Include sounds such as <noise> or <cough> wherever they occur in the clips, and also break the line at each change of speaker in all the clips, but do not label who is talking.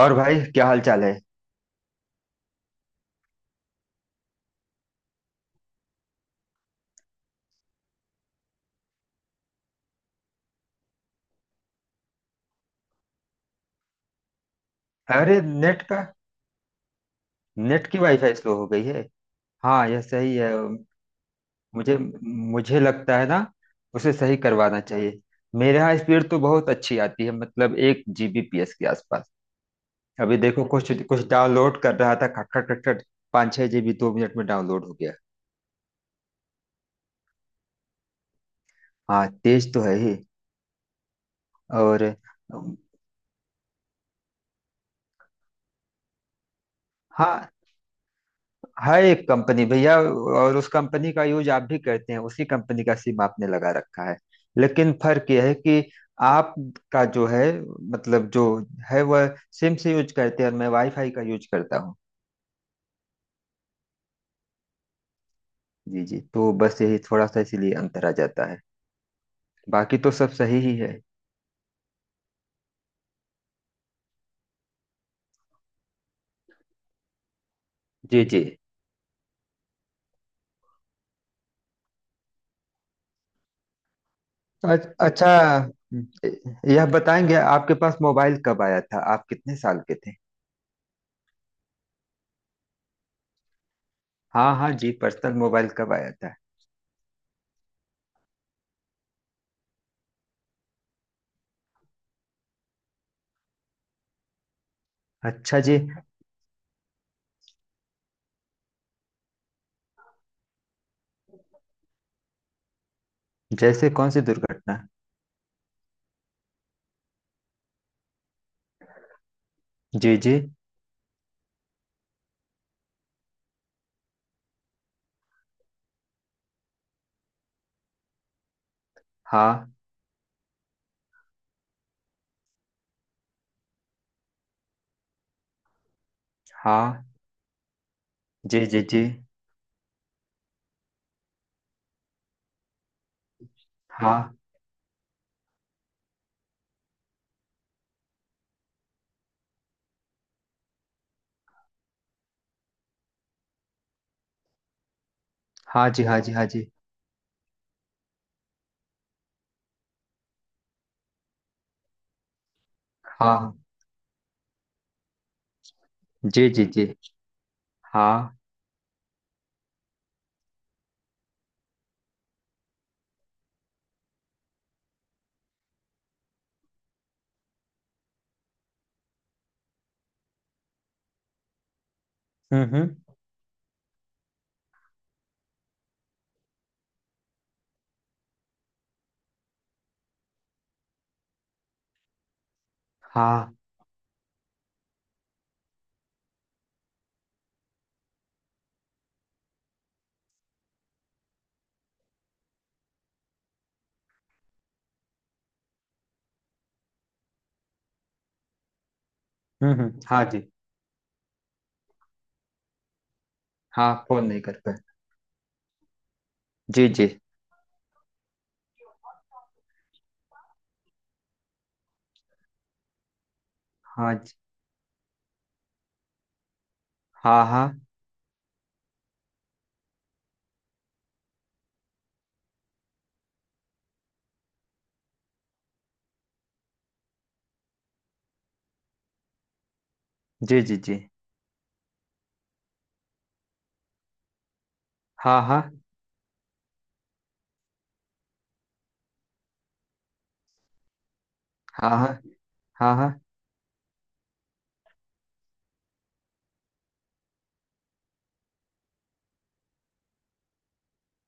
और भाई, क्या हाल चाल है? अरे, नेट का? नेट की वाईफाई स्लो हो गई है। हाँ, यह सही है। मुझे मुझे लगता है ना, उसे सही करवाना चाहिए। मेरे यहाँ स्पीड तो बहुत अच्छी आती है, मतलब 1 Gbps के आसपास। अभी देखो, कुछ कुछ डाउनलोड कर रहा था, खट खट खट खट, 5-6 GB 2 मिनट में डाउनलोड हो गया। हाँ, तेज तो है ही। और हाँ, हर एक कंपनी भैया। और उस कंपनी का यूज आप भी करते हैं, उसी कंपनी का सिम आपने लगा रखा है, लेकिन फर्क यह है कि आपका जो है, मतलब जो है वह सिम से यूज करते हैं, और मैं वाईफाई का यूज करता हूँ। जी जी, तो बस यही थोड़ा सा इसीलिए अंतर आ जाता है। बाकी तो सब सही ही है। जी जी। अच्छा, यह बताएंगे, आपके पास मोबाइल कब आया था? आप कितने साल के थे? हाँ हाँ जी, पर्सनल मोबाइल कब आया था? अच्छा जी। जैसे कौन सी दुर्घटना? जी जी। हाँ हाँ। जी जी जी। हाँ हाँ जी। हाँ जी हाँ जी हाँ जी जी जी। हाँ। हम्म। हाँ। हाँ जी। हाँ, फोन नहीं कर पाए। जी जी। हाँ जी। हाँ हाँ। जी जी जी। हाँ हाँ हाँ। हाँ। हाँ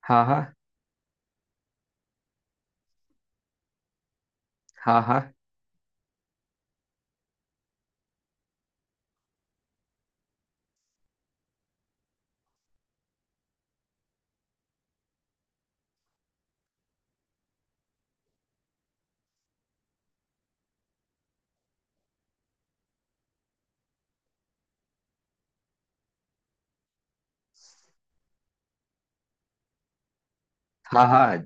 हाँ। हाँ हाँ। हाँ हाँ। हाँ हाँ।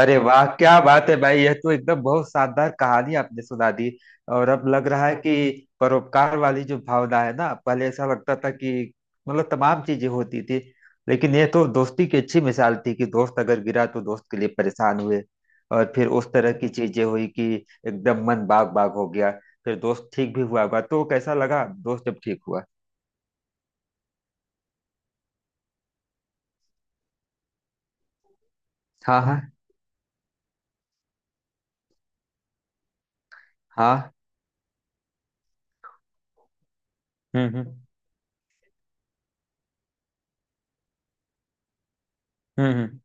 अरे वाह, क्या बात है भाई! यह तो एकदम बहुत शानदार कहानी आपने सुना दी। और अब लग रहा है कि परोपकार वाली जो भावना है ना, पहले ऐसा लगता था कि मतलब तमाम चीजें होती थी, लेकिन यह तो दोस्ती की अच्छी मिसाल थी कि दोस्त अगर गिरा तो दोस्त के लिए परेशान हुए, और फिर उस तरह की चीजें हुई कि एकदम मन बाग बाग हो गया। फिर दोस्त ठीक भी हुआ होगा तो कैसा लगा दोस्त जब ठीक हुआ? हाँ हाँ। हाँ। हम्म। हम्म हम्म,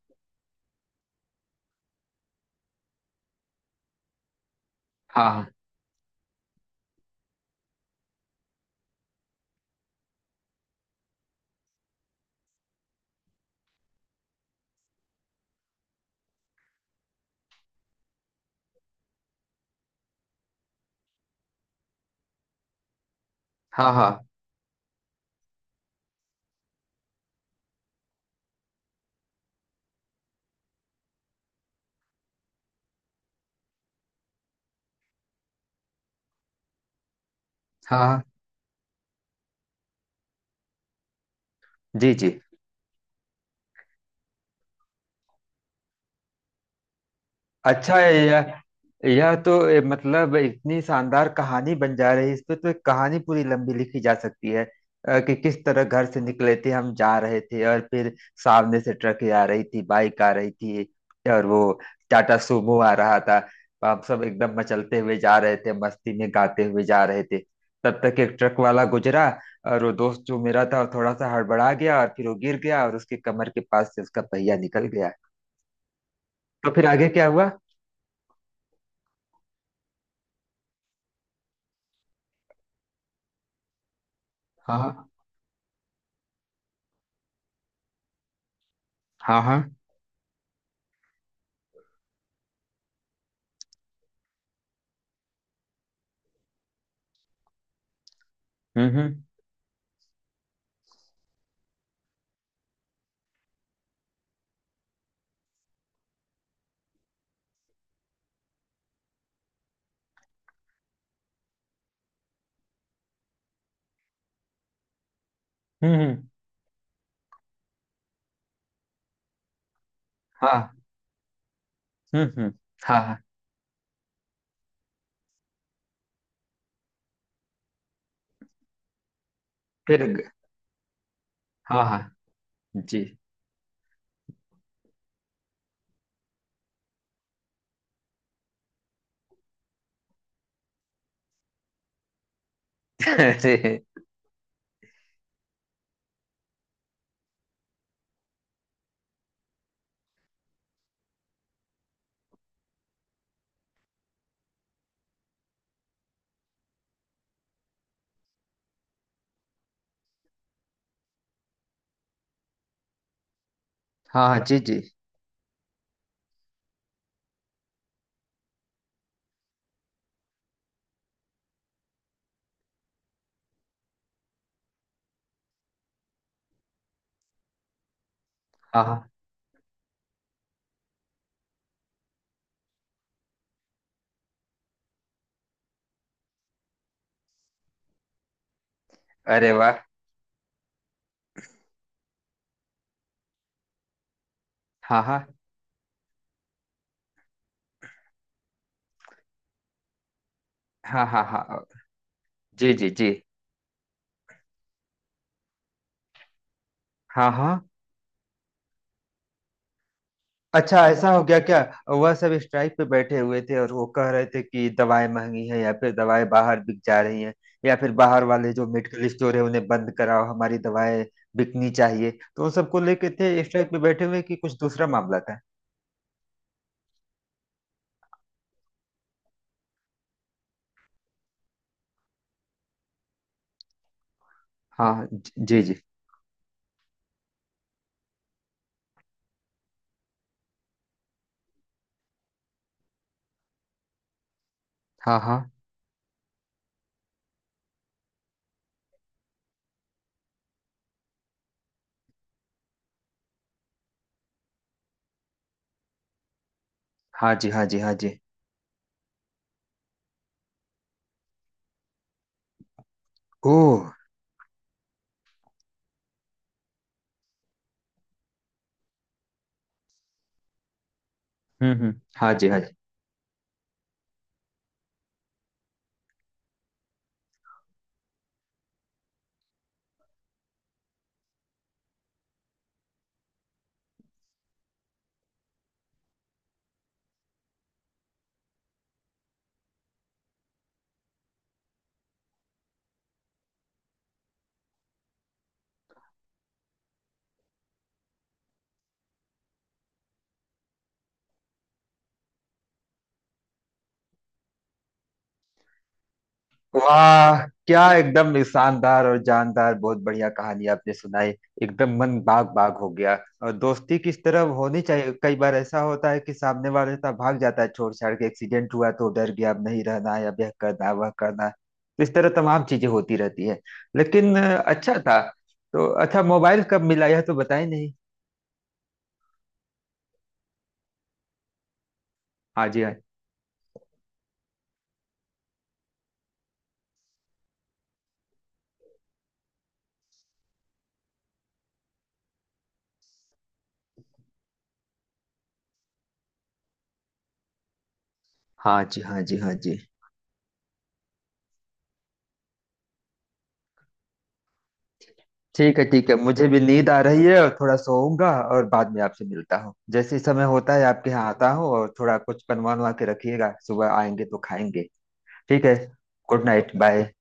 हाँ हाँ। हाँ। हाँ। हाँ जी जी। अच्छा है यह। यह तो मतलब इतनी शानदार कहानी बन जा रही है, इस पे तो एक कहानी पूरी लंबी लिखी जा सकती है। कि किस तरह घर से निकले थे, हम जा रहे थे और फिर सामने से ट्रक आ रही थी, बाइक आ रही थी, और वो टाटा सुमो आ रहा था। हम सब एकदम मचलते हुए जा रहे थे, मस्ती में गाते हुए जा रहे थे। तब तक एक ट्रक वाला गुजरा, और वो दोस्त जो मेरा था वो थोड़ा सा हड़बड़ा गया और फिर वो गिर गया और उसके कमर के पास से उसका पहिया निकल गया। तो फिर आगे क्या हुआ? हाँ हाँ। हाँ। हम्म। हम्म। हाँ। हम्म, हम्म, हाँ हाँ। फिर। हाँ हाँ। जी। <laughs> अरे। हाँ हाँ। जी जी। हाँ हाँ। अरे वाह। हाँ हाँ हाँ। हाँ। हाँ। जी जी जी। हाँ हाँ। अच्छा, ऐसा हो गया क्या? वह सब स्ट्राइक पे बैठे हुए थे और वो कह रहे थे कि दवाएं महंगी हैं, या फिर दवाएं बाहर बिक जा रही हैं, या फिर बाहर वाले जो मेडिकल स्टोर है उन्हें बंद कराओ, हमारी दवाएं बिकनी चाहिए, तो उन सबको लेके थे स्ट्राइक पे बैठे हुए, कि कुछ दूसरा मामला था? हाँ जी जी। हाँ हाँ। हाँ जी हाँ जी हाँ जी। ओह। हाँ जी हाँ जी। वाह, क्या एकदम शानदार और जानदार, बहुत बढ़िया कहानी आपने सुनाई। एकदम मन बाग बाग हो गया। और दोस्ती किस तरह होनी चाहिए, कई बार ऐसा होता है कि सामने वाला इतना भाग जाता है, छोड़ छाड़ के एक्सीडेंट हुआ तो डर गया, अब नहीं रहना है, अब यह करना है, वह करना है। तो इस तरह तमाम चीजें होती रहती है, लेकिन अच्छा था। तो अच्छा, मोबाइल कब मिला यह तो बताए नहीं? हाँ जी हाँ। हाँ जी हाँ जी हाँ जी। ठीक है ठीक है, मुझे भी नींद आ रही है और थोड़ा सोऊंगा, और बाद में आपसे मिलता हूँ। जैसे ही समय होता है आपके यहाँ आता हूँ, और थोड़ा कुछ बनवा बनवा के रखिएगा, सुबह आएंगे तो खाएंगे। ठीक है, गुड नाइट, बाय।